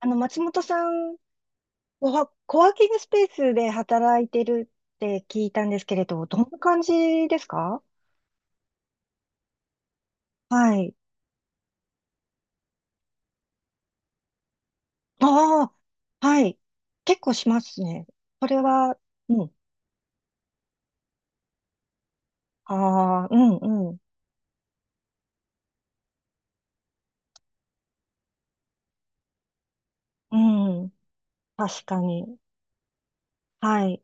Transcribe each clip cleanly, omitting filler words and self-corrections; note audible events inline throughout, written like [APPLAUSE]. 松本さんは、コワーキングスペースで働いてるって聞いたんですけれど、どんな感じですか？はい。ああ、はい。結構しますね。それは、うん。ああ、うん、うん、うん。確かに。はい。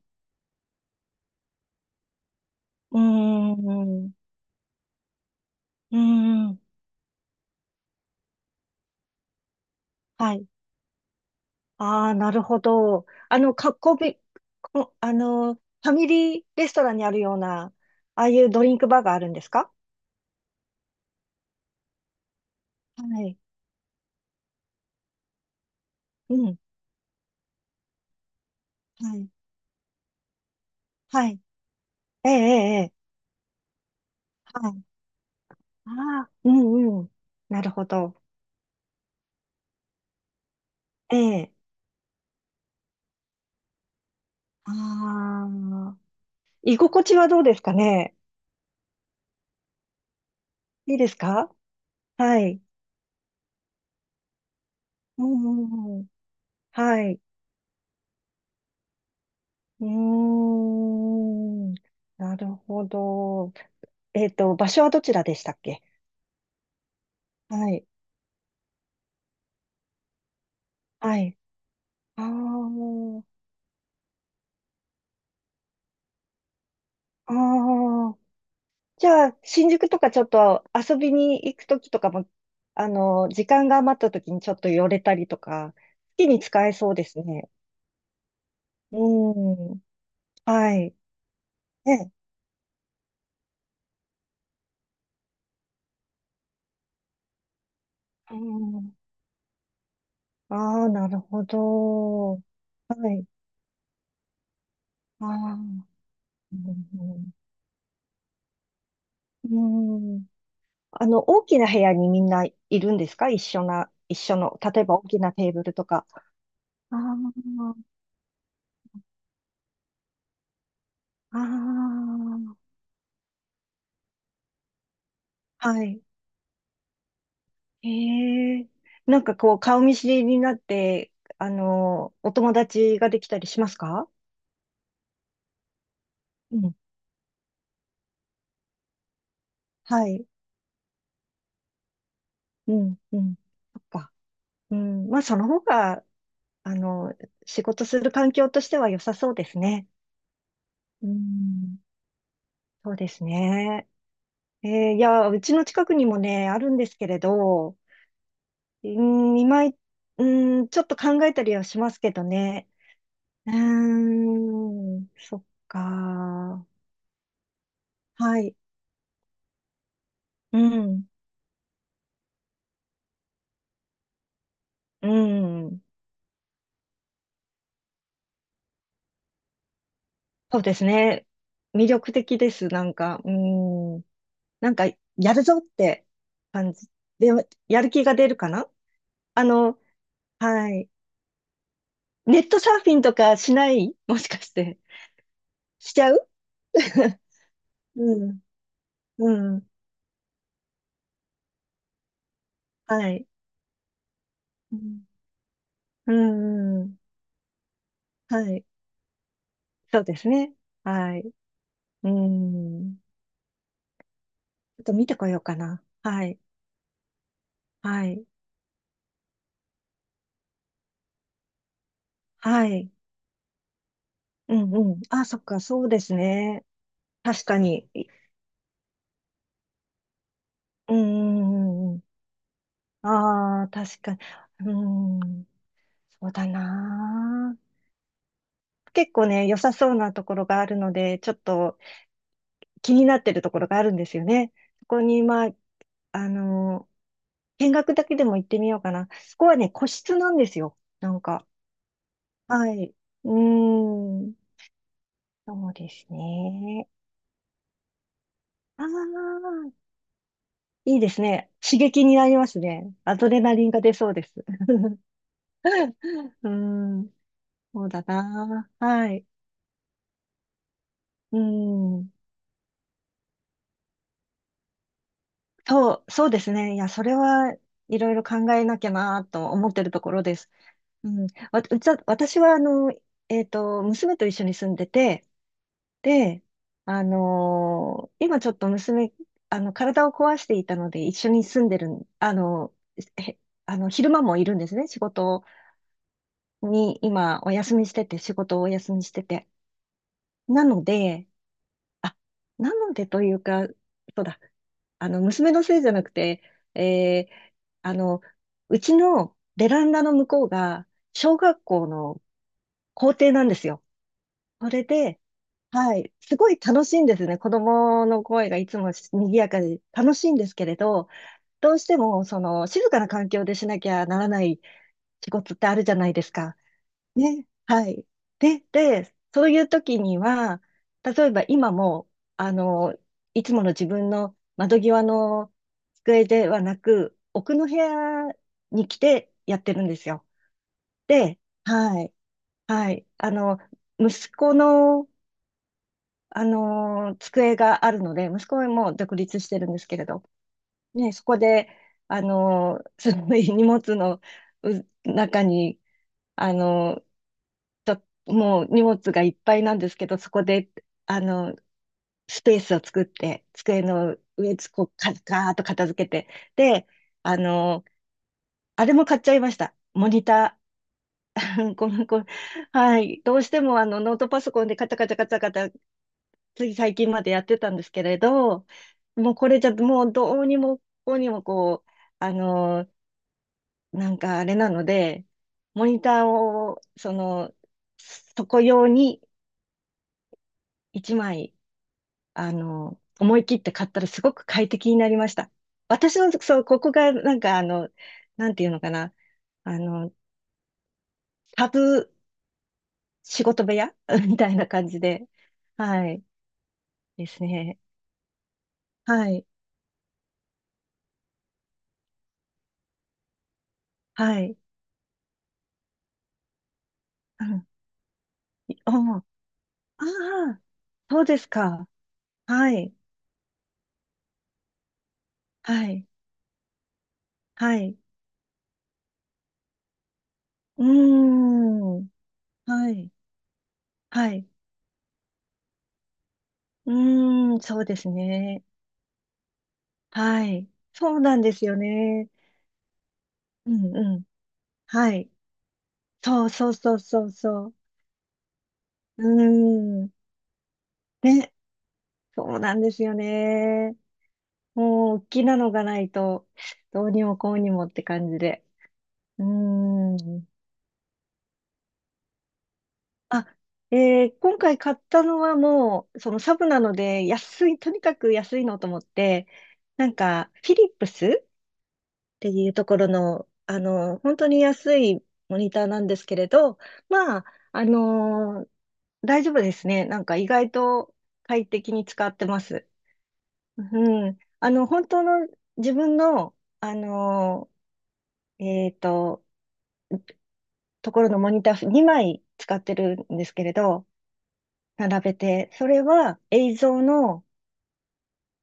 うーん、うーん。はい。ああ、なるほど。あの、かっこび、こあの、ファミリーレストランにあるような、ああいうドリンクバーがあるんですか？はい。うん。はい。はい。ええ、ええ、ええ。はい。ああ、うんうん。なるほど。ええ。ああ、居心地はどうですかね？いいですか？はい。うんうんうん。はい。うーん。なるほど。場所はどちらでしたっけ？はい。はい。ああ、ああ。じゃあ、新宿とかちょっと遊びに行くときとかも、時間が余ったときにちょっと寄れたりとか、好きに使えそうですね。うん。はい。ね。うん。ああー、なるほど。はい。ああ。うん。うん。大きな部屋にみんないるんですか？一緒な、一緒の、例えば大きなテーブルとか。ああ、ああ、はい。へえ。なんかこう、顔見知りになって、お友達ができたりしますか？うん。はい。うん、うん。そっか。うん。まあ、その方が、あの、仕事する環境としては良さそうですね。うん。そうですね。いや、うちの近くにもね、あるんですけれど、うん、うん、ちょっと考えたりはしますけどね。うーん、そっか。はい。うん。うん。そうですね。魅力的です。なんか、うん。なんか、やるぞって感じ。で、やる気が出るかな？あの、はい。ネットサーフィンとかしないもしかして。しちゃう？ [LAUGHS] うん。うん。はい。うん。うんうん。はい。そうですね。はい。うん。ちょっと見てこようかな。はい。はい。はい。うんうん。あ、そっか、そうですね。確かに。うんうんうんうん。ああ、確かに。うん、そうだな。結構ね、良さそうなところがあるので、ちょっと気になってるところがあるんですよね。そこに、まあ、あの、見学だけでも行ってみようかな。そこはね、個室なんですよ。なんか。はい。うーん、そうですね。ああ、いいですね。刺激になりますね。アドレナリンが出そうです。[LAUGHS] うーん、そうだな。はい。うん。そう、そうですね。いや、それはいろいろ考えなきゃなと思ってるところです。うん。わ、うちは私は、娘と一緒に住んでて、で、今ちょっと娘、体を壊していたので、一緒に住んでるん、あの、へ、あの、昼間もいるんですね。仕事に、今、お休みしてて、仕事をお休みしてて。なので、あ、なのでというか、そうだ、娘のせいじゃなくて、えーあの、うちのベランダの向こうが、小学校の校庭なんですよ。それで、はい、すごい楽しいんですね。子供の声がいつも賑やかで楽しいんですけれど、どうしても、その、静かな環境でしなきゃならない仕事ってあるじゃないですか。ね、はい。で、そういう時には、例えば今も、あの、いつもの自分の窓際の机ではなく、奥の部屋に来てやってるんですよ。で、はい、はい。息子の、机があるので、息子はもう独立してるんですけれど、ね、そこで、その [LAUGHS] 荷物のう中に、あの、もう荷物がいっぱいなんですけど、そこで、あの、スペースを作って、机の上、こう、ガーッと片付けて、で、あの、あれも買っちゃいました。モニター。[LAUGHS] このこのはい。どうしてもノートパソコンでカタカタカタカタ、つい最近までやってたんですけれど、もうこれじゃ、もうどうにもこうにもあの、なんかあれなので、モニターを、そこ用に1枚思い切って買ったらすごく快適になりました。私の、そう、ここが、なんか、なんていうのかな、あの、タブ仕事部屋 [LAUGHS] みたいな感じで、はい、ですね。はい、はい。うん、おあ。あー、そうですか。はい、はい、はい。うーん、はい、はい。うーん、そうですね。はい。そうなんですよね。うん、うん。はい。そうそうそうそうそう。うーん。ね、そうなんですよね。もう、大きなのがないと、どうにもこうにもって感じで。うーん。あ、今回買ったのはもう、そのサブなので、安い、とにかく安いのと思って、なんか、フィリップスっていうところの、本当に安いモニターなんですけれど、まあ、あのー大丈夫ですね。なんか意外と快適に使ってます。うん。本当の自分の、あのーえっと、ところのモニター2枚使ってるんですけれど、並べて、それは映像の、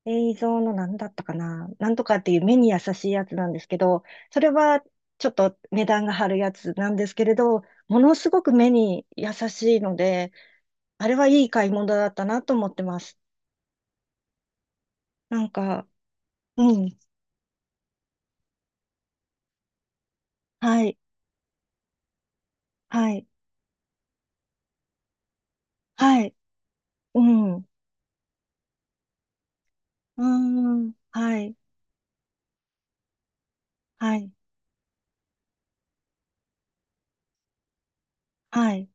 映像の何だったかな、なんとかっていう目に優しいやつなんですけど、それはちょっと値段が張るやつなんですけれど、ものすごく目に優しいので、あれはいい買い物だったなと思ってます。なんか、うん、はい、はい、はい、うん、うーん、はい。はい。はい。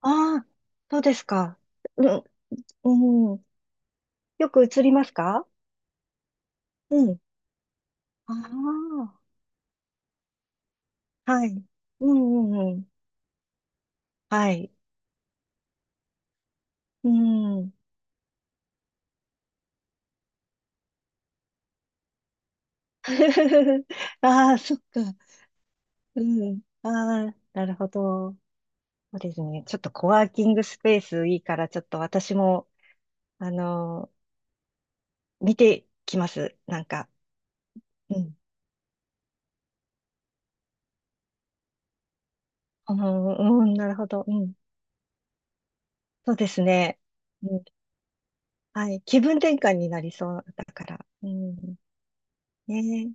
ああ、そうですか。うん、うん。よく映りますか？うん。ああ、はい。うんうんうん。はい。うん。[LAUGHS] ああ、そっか。うん。ああ、なるほど。そうですね。ちょっとコワーキングスペースいいから、ちょっと私も、あの見てきます。なんか。うん。うん、うん。なるほど。うん。そうですね。うん。はい。気分転換になりそうだから。うん。ねえ。